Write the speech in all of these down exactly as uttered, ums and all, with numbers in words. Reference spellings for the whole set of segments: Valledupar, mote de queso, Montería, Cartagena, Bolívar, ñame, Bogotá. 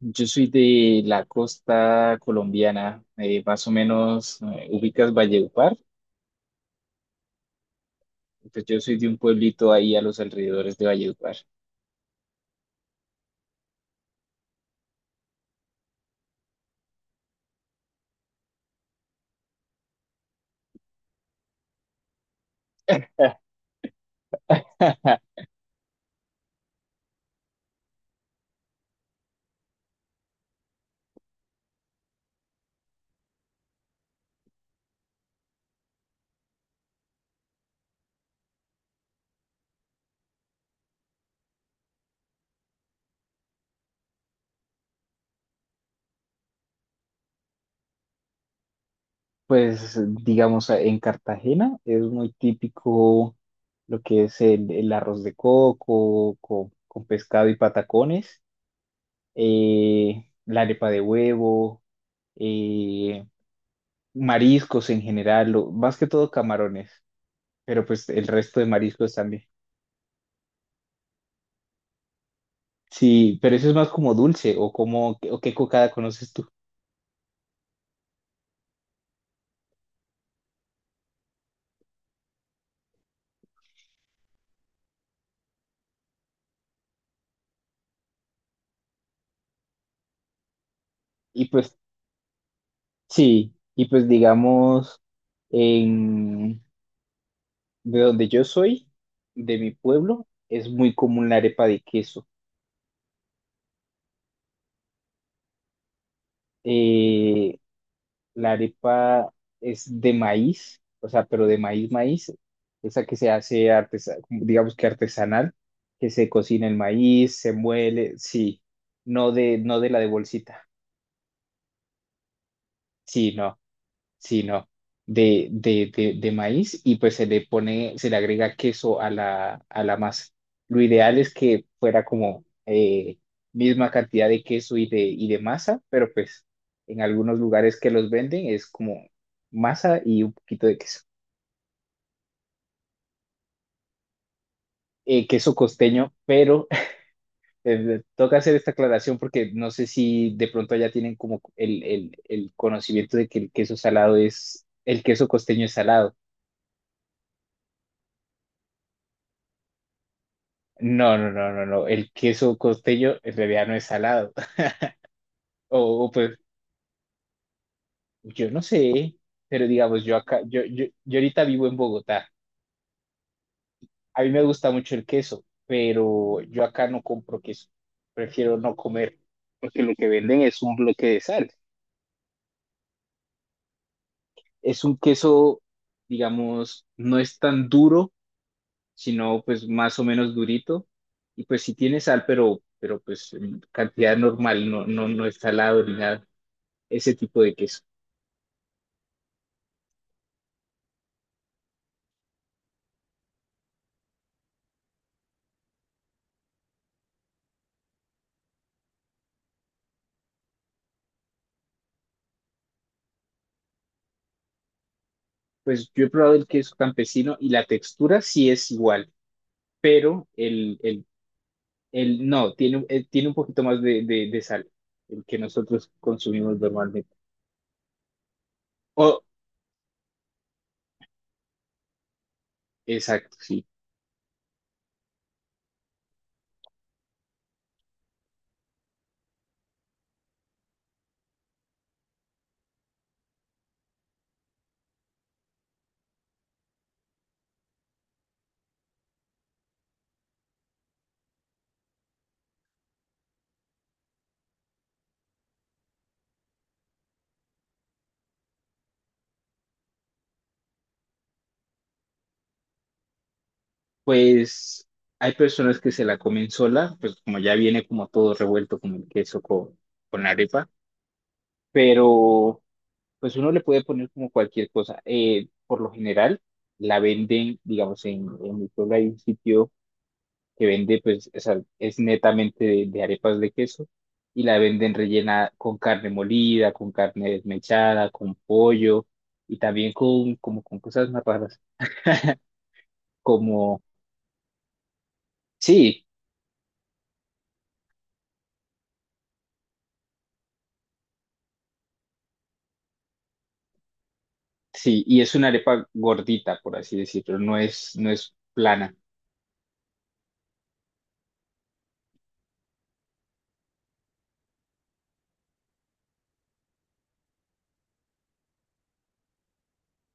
Yo soy de la costa colombiana, eh, más o menos, eh, ubicas Valledupar, pues yo soy de un pueblito ahí a los alrededores de Valledupar. Pues digamos, en Cartagena es muy típico lo que es el, el arroz de coco con, con pescado y patacones, eh, la arepa de huevo, eh, mariscos en general, lo- más que todo camarones, pero pues el resto de mariscos también. Sí, pero eso es más como dulce o como o qué cocada conoces tú. Y pues sí, y pues digamos en de donde yo soy, de mi pueblo, es muy común la arepa de queso. Eh, la arepa es de maíz, o sea, pero de maíz maíz, esa que se hace artesa- digamos que artesanal, que se cocina el maíz, se muele, sí, no de no de la de bolsita. Sí, no. Sí, no, de, de, de, de maíz y pues se le pone, se le agrega queso a la, a la masa. Lo ideal es que fuera como eh, misma cantidad de queso y de, y de masa, pero pues en algunos lugares que los venden es como masa y un poquito de queso. Eh, queso costeño, pero eh, toca hacer esta aclaración porque no sé si de pronto ya tienen como el, el, el conocimiento de que el queso salado es, el queso costeño es salado. No, no, no, no, no. El queso costeño en realidad no es salado. O, o, pues, yo no sé, pero digamos, yo acá, yo, yo, yo ahorita vivo en Bogotá. A mí me gusta mucho el queso, pero yo acá no compro queso. Prefiero no comer, porque lo que venden es un bloque de sal. Es un queso, digamos, no es tan duro, sino pues más o menos durito. Y pues sí tiene sal, pero, pero pues en cantidad normal, no, no, no es salado ni nada. Ese tipo de queso. Pues yo he probado el queso campesino y la textura sí es igual, pero el, el, el no, tiene, un- eh, tiene un poquito más de, de, de sal, el que nosotros consumimos normalmente. Oh, exacto, sí. Pues hay personas que se la comen sola, pues como ya viene como todo revuelto con el queso, con, con la arepa, pero pues uno le puede poner como cualquier cosa. Eh, por lo general, la venden, digamos, en, en mi pueblo hay un sitio que vende, pues, o sea, es netamente de, de arepas de queso y la venden rellena con carne molida, con carne desmechada, con pollo y también con, como, con cosas más raras, como, sí, sí, y es una arepa gordita, por así decirlo, no es, no es plana.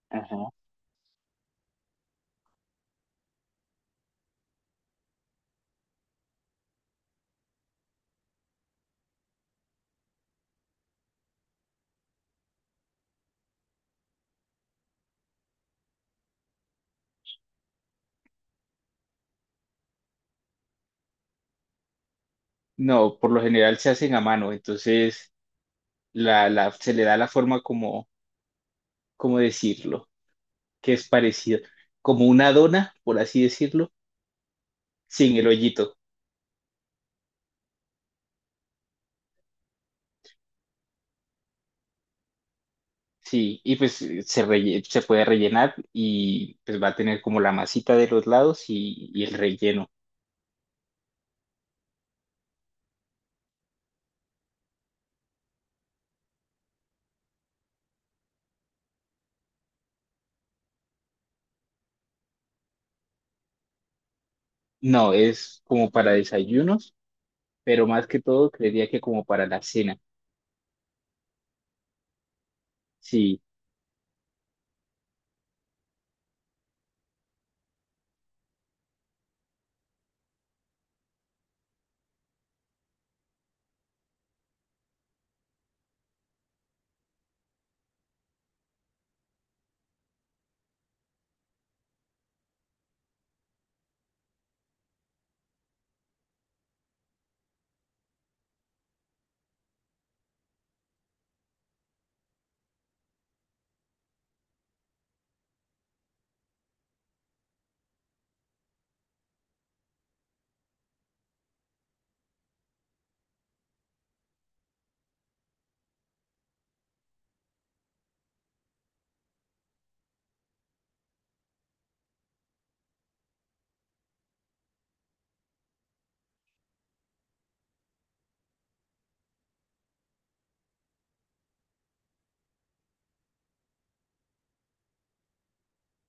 Ajá. No, por lo general se hacen a mano, entonces la, la, se le da la forma como, ¿cómo decirlo? Que es parecido, como una dona, por así decirlo, sin el hoyito. Sí, y pues eh, se, relle- se puede rellenar y pues va a tener como la masita de los lados y, y el relleno. No, es como para desayunos, pero más que todo creería que como para la cena. Sí,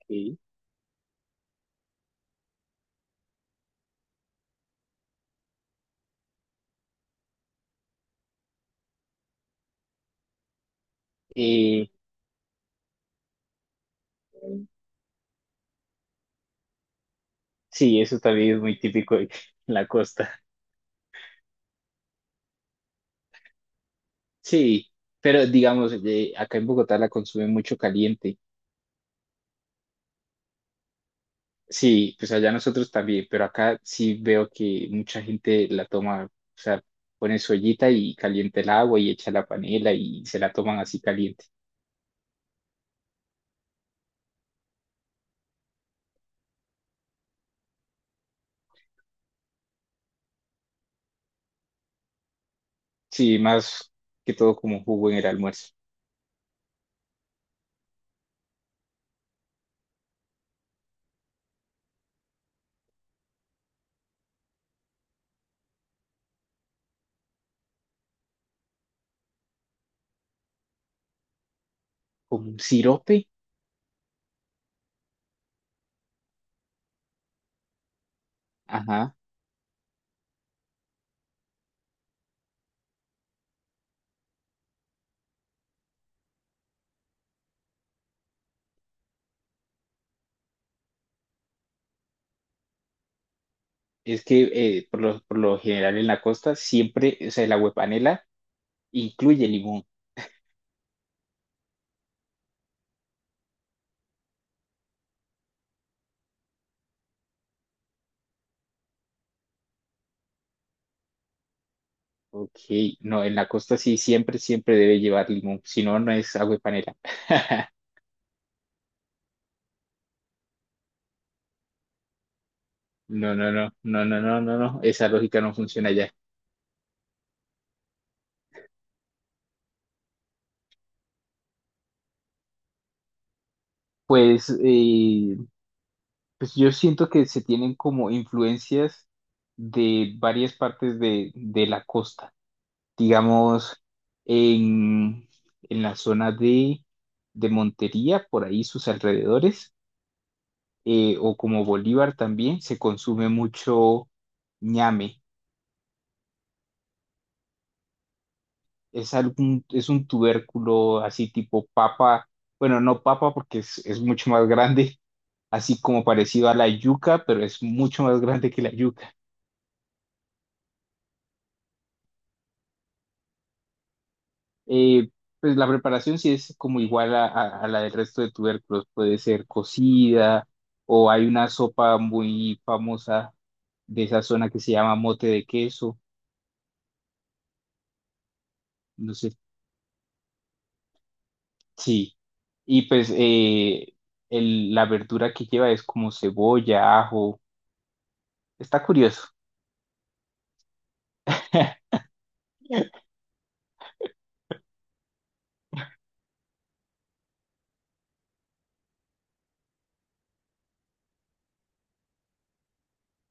sí. eh, sí, eso también es muy típico en la costa. Sí, pero digamos, eh, acá en Bogotá la consumen mucho caliente. Sí, pues allá nosotros también, pero acá sí veo que mucha gente la toma, o sea, pone su ollita y calienta el agua y echa la panela y se la toman así caliente. Sí, más que todo como jugo en el almuerzo. Como un sirope, ajá. Es que eh, por lo, por lo general en la costa siempre, o sea, el agüepanela incluye limón. Ok, no, en la costa sí siempre, siempre debe llevar limón, si no, no es agüepanela. No, no, no, no, no, no, no, no, esa lógica no funciona allá. Pues, eh, pues yo siento que se tienen como influencias de varias partes de, de la costa. Digamos, en, en la zona de, de Montería, por ahí sus alrededores, eh, o como Bolívar también, se consume mucho ñame. Es algún, es un tubérculo así tipo papa, bueno, no papa porque es, es mucho más grande, así como parecido a la yuca, pero es mucho más grande que la yuca. Eh, pues la preparación sí es como igual a, a- a la del resto de tubérculos, puede ser cocida o hay una sopa muy famosa de esa zona que se llama mote de queso, no sé, sí. Y pues eh, el- la verdura que lleva es como cebolla, ajo, está curioso.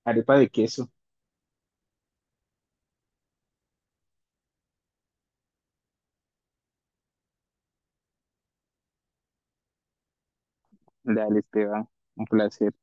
Arepa de queso. Dale, Esteban, un placer.